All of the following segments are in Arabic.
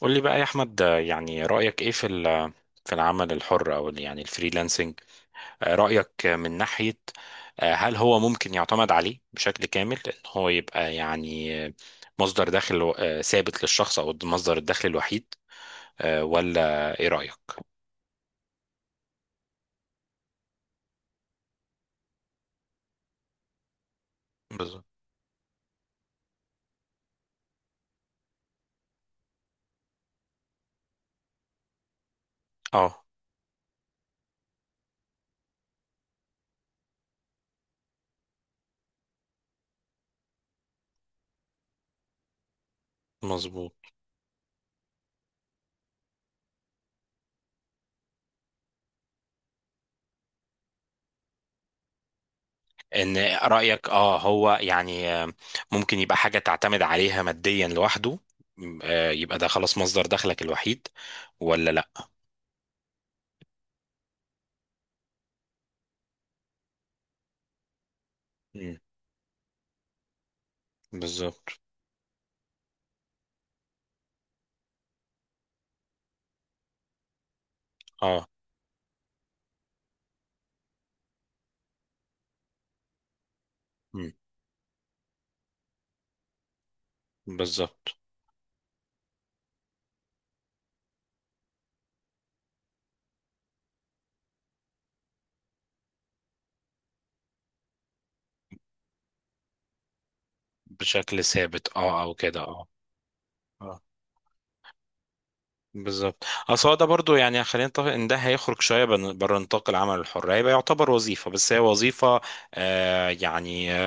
قول لي بقى يا احمد، يعني رايك ايه في العمل الحر يعني الفريلانسنج. رايك من ناحيه، هل هو ممكن يعتمد عليه بشكل كامل ان هو يبقى مصدر دخل ثابت للشخص، او مصدر الدخل الوحيد، ولا ايه رايك؟ بالظبط. اه، مظبوط. ان رايك اه هو يعني آه، ممكن يبقى حاجه تعتمد عليها ماديا لوحده. يبقى ده خلاص مصدر دخلك الوحيد ولا لا؟ مم. بالظبط. اه، بالظبط. بشكل ثابت اه، او كده اه. اه، بالظبط. اصل هو ده برضو، يعني خلينا نتفق ان ده هيخرج شويه بره نطاق العمل الحر، هيبقى يعتبر وظيفه، بس هي وظيفه آه يعني آه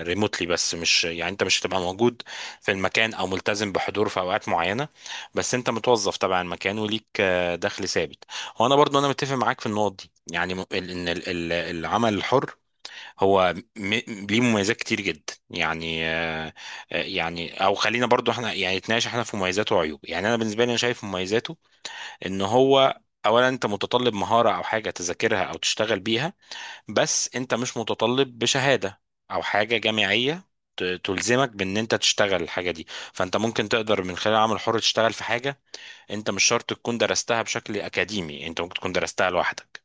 ريموتلي، بس مش يعني انت مش هتبقى موجود في المكان او ملتزم بحضور في اوقات معينه، بس انت متوظف تبع المكان وليك آه دخل ثابت. وانا برضو انا متفق معاك في النقط دي، يعني العمل الحر هو ليه مميزات كتير جدا، يعني او خلينا برضو احنا يعني نتناقش احنا في مميزاته وعيوبه. يعني انا بالنسبه لي، انا شايف مميزاته ان هو اولا انت متطلب مهاره او حاجه تذاكرها او تشتغل بيها، بس انت مش متطلب بشهاده او حاجه جامعيه تلزمك بان انت تشتغل الحاجه دي. فانت ممكن تقدر من خلال عمل حر تشتغل في حاجه انت مش شرط تكون درستها بشكل اكاديمي، انت ممكن تكون درستها لوحدك.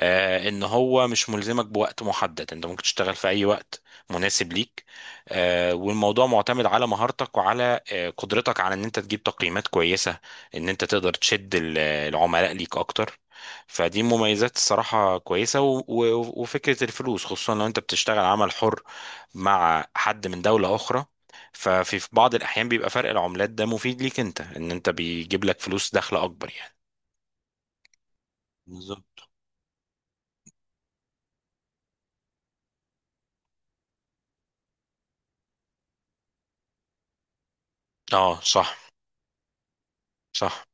ان هو مش ملزمك بوقت محدد، انت ممكن تشتغل في اي وقت مناسب ليك. والموضوع معتمد على مهارتك وعلى قدرتك على ان انت تجيب تقييمات كويسة، ان انت تقدر تشد العملاء ليك اكتر. فدي مميزات الصراحة كويسة، وفكرة الفلوس خصوصا لو انت بتشتغل عمل حر مع حد من دولة اخرى، في بعض الاحيان بيبقى فرق العملات ده مفيد ليك انت، ان انت بيجيب لك فلوس دخل اكبر يعني. بالظبط. اه، صح. صح.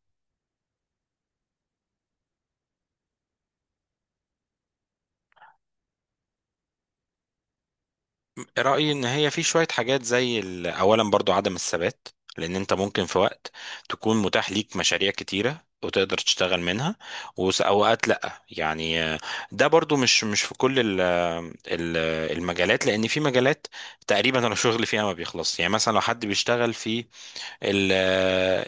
رأيي إن هي في شوية حاجات، زي أولا برضو عدم الثبات، لأن أنت ممكن في وقت تكون متاح ليك مشاريع كتيرة وتقدر تشتغل منها، وأوقات لأ، ده برضو مش في كل ال ال المجالات، لأن في مجالات تقريبا الشغل فيها ما بيخلص. يعني مثلا لو حد بيشتغل في ال-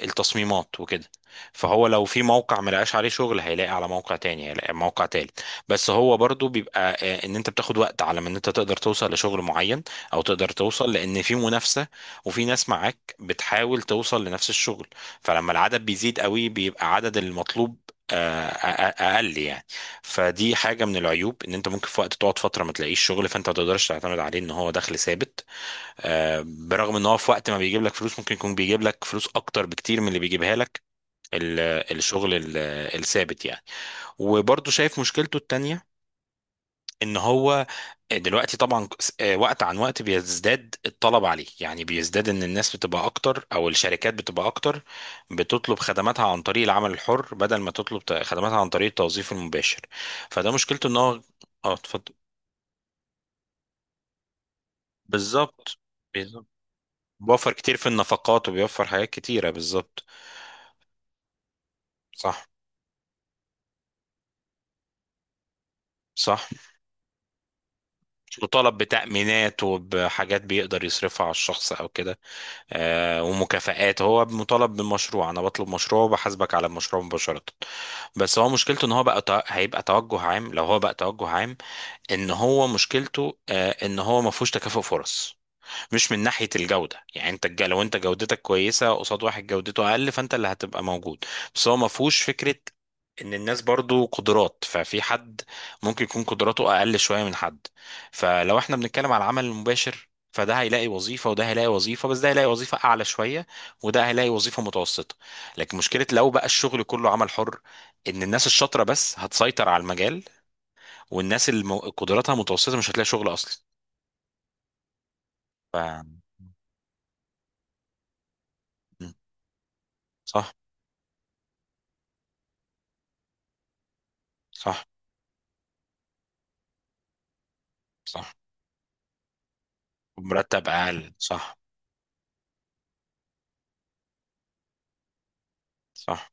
التصميمات وكده، فهو لو في موقع ملقاش عليه شغل، هيلاقي على موقع تاني، هيلاقي على موقع تالت. بس هو برضو بيبقى ان انت بتاخد وقت على ما ان انت تقدر توصل لشغل معين، او تقدر توصل لان في منافسة وفي ناس معاك بتحاول توصل لنفس الشغل. فلما العدد بيزيد قوي، بيبقى عدد المطلوب آه، أ- اقل يعني. فدي حاجه من العيوب، ان انت ممكن في وقت تقعد فتره ما تلاقيش شغل، فانت ما تقدرش تعتمد عليه ان هو دخل ثابت. برغم ان هو في وقت ما بيجيب لك فلوس، ممكن يكون بيجيب لك فلوس اكتر بكتير من اللي بيجيبها لك ال- الشغل الثابت يعني. وبرضه شايف مشكلته التانية ان هو دلوقتي طبعا وقت عن وقت بيزداد الطلب عليه، يعني بيزداد ان الناس بتبقى اكتر او الشركات بتبقى اكتر بتطلب خدماتها عن طريق العمل الحر بدل ما تطلب خدماتها عن طريق التوظيف المباشر. فده مشكلته ان هو اه اتفضل. بالظبط. بالظبط. بيوفر كتير في النفقات وبيوفر حاجات كتيرة بالظبط. صح. صح. وطلب بتأمينات وبحاجات بيقدر يصرفها على الشخص او كده. آه، ومكافآت. هو مطالب بمشروع، انا بطلب مشروع وبحاسبك على المشروع مباشرة. بس هو مشكلته ان هو بقى هيبقى توجه عام. لو هو بقى توجه عام، ان هو مشكلته آه ان هو ما فيهوش تكافؤ فرص. مش من ناحية الجودة، يعني انت لو انت جودتك كويسة قصاد واحد جودته اقل، فانت اللي هتبقى موجود. بس هو ما فيهوش فكرة ان الناس برضو قدرات، ففي حد ممكن يكون قدراته اقل شوية من حد. فلو احنا بنتكلم على العمل المباشر، فده هيلاقي وظيفة وده هيلاقي وظيفة، بس ده هيلاقي وظيفة أعلى شوية وده هيلاقي وظيفة متوسطة. لكن مشكلة لو بقى الشغل كله عمل حر، إن الناس الشاطرة بس هتسيطر على المجال، والناس اللي قدراتها متوسطة مش هتلاقي شغل أصلا. ف... صح. صح. صح، مرتب اقل. صح. صح،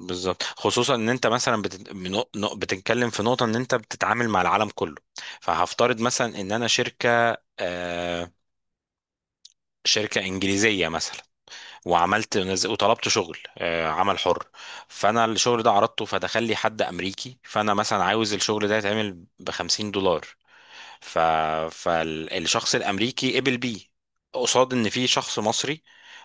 بالظبط. خصوصا ان انت مثلا بتتكلم في نقطه ان انت بتتعامل مع العالم كله. فهفترض مثلا ان انا شركه انجليزيه مثلا، وعملت وطلبت عمل حر. فانا الشغل ده عرضته، فدخل لي حد امريكي. فانا مثلا عاوز الشغل ده يتعمل ب 50 دولار. ف... فالشخص الامريكي قبل بيه، قصاد ان في شخص مصري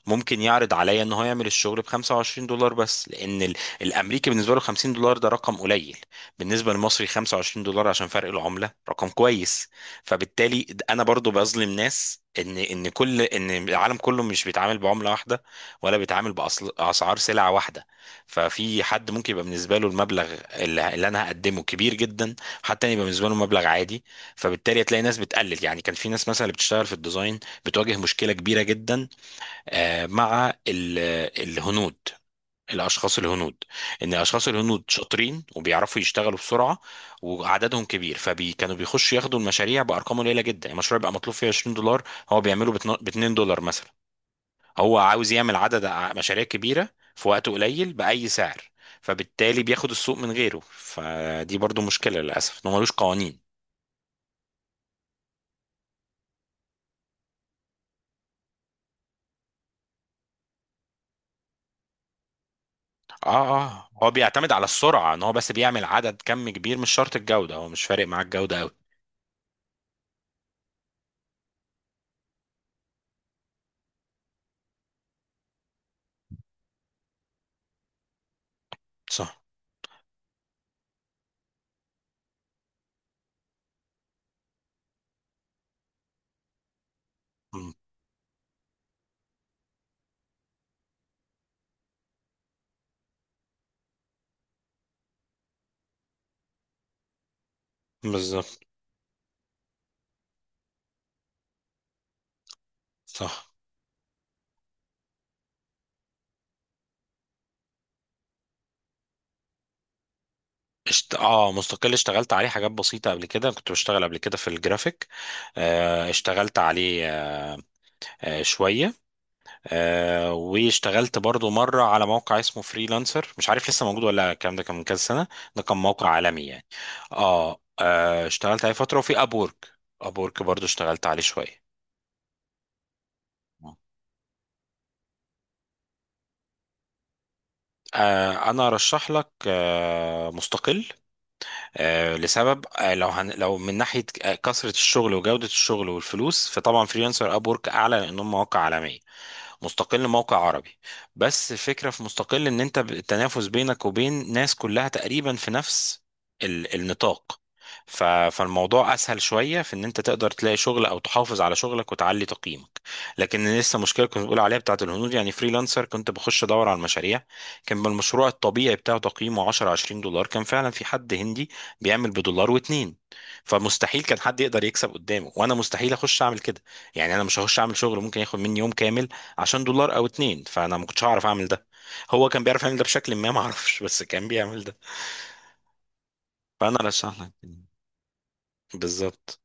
ممكن يعرض عليا ان هو يعمل الشغل ب 25 دولار، بس لان الامريكي بالنسبه له 50 دولار ده رقم قليل، بالنسبه للمصري 25 دولار عشان فرق العمله رقم كويس. فبالتالي انا برضو بظلم ناس، ان ان كل ان العالم كله مش بيتعامل بعمله واحده ولا بيتعامل باسعار سلعه واحده. ففي حد ممكن يبقى بالنسبه له المبلغ اللي انا هقدمه كبير جدا، حتى يبقى بالنسبه له مبلغ عادي. فبالتالي هتلاقي ناس بتقلل. يعني كان في ناس مثلا اللي بتشتغل في الديزاين بتواجه مشكلة كبيرة جدا مع الهنود، الاشخاص الهنود. ان الاشخاص الهنود شاطرين وبيعرفوا يشتغلوا بسرعه وعددهم كبير، فكانوا بيخشوا ياخدوا المشاريع بارقام قليله جدا. المشروع يبقى مطلوب فيه 20 دولار، هو بيعمله ب 2 دولار مثلا. هو عاوز يعمل عدد مشاريع كبيره في وقت قليل باي سعر. فبالتالي بياخد السوق من غيره. فدي برضو مشكله للاسف، انه ملوش قوانين. اه. اه، هو بيعتمد على السرعة، ان هو بس بيعمل عدد كم كبير، مش شرط الجودة، هو مش فارق معاه الجودة قوي. صح. مم. بالظبط. صح. اه مستقل، اشتغلت عليه حاجات بسيطة قبل كده، كنت بشتغل قبل كده في الجرافيك. آه، اشتغلت عليه آه، آه شوية. آه، واشتغلت برضو مرة على موقع اسمه فريلانسر، مش عارف لسه موجود ولا لا، الكلام ده كان من كذا سنة. ده كان موقع عالمي يعني. اه, آه اشتغلت عليه فترة، وفي ابورك. ابورك برضو اشتغلت عليه شوية. انا ارشح لك مستقل. لسبب لو لو من ناحيه كثره الشغل وجوده الشغل والفلوس، فطبعا فريلانسر اب وورك اعلى، لانهم مواقع عالميه. مستقل موقع عربي، بس الفكرة في مستقل ان انت التنافس بينك وبين ناس كلها تقريبا في نفس النطاق. فالموضوع اسهل شوية في ان انت تقدر تلاقي شغل او تحافظ على شغلك وتعلي تقييمك. لكن لسه مشكلة كنت بقول عليها بتاعت الهنود، يعني فريلانسر، كنت بخش ادور على المشاريع، كان بالمشروع الطبيعي بتاعه تقييمه 10 20 دولار، كان فعلا في حد هندي بيعمل بدولار واتنين. فمستحيل كان حد يقدر يكسب قدامه، وانا مستحيل اخش اعمل كده. يعني انا مش هخش اعمل شغل ممكن ياخد مني يوم كامل عشان دولار او اتنين، فانا ما كنتش هعرف اعمل ده. هو كان بيعرف يعمل ده بشكل ما اعرفش، بس كان بيعمل ده. فانا رشح لك. بالظبط.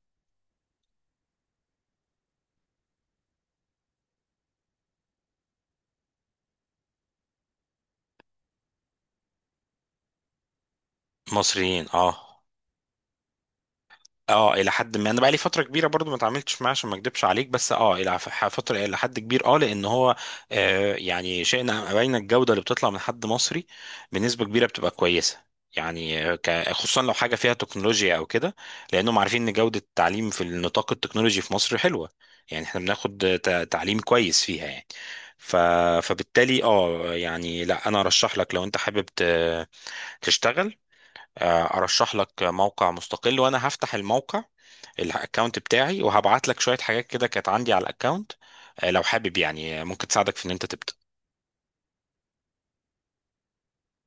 مصريين اه. اه، الى حد ما، انا بقى لي فتره كبيره برضو ما اتعاملتش معاه عشان ما اكدبش عليك، بس اه الى فتره الى حد كبير اه، لان هو آه يعني شئنا ام ابينا الجوده اللي بتطلع من حد مصري بنسبه كبيره بتبقى كويسه. يعني خصوصا لو حاجه فيها تكنولوجيا او كده، لانهم عارفين ان جوده التعليم في النطاق التكنولوجي في مصر حلوه. يعني احنا بناخد تعليم كويس فيها يعني. ف... فبالتالي اه يعني لا انا ارشح لك. لو انت حابب تشتغل، ارشح لك موقع مستقل. وانا هفتح الموقع، الاكونت بتاعي، وهبعت لك شوية حاجات كده كانت عندي على الاكونت. لو حابب يعني، ممكن تساعدك في ان انت تبدأ.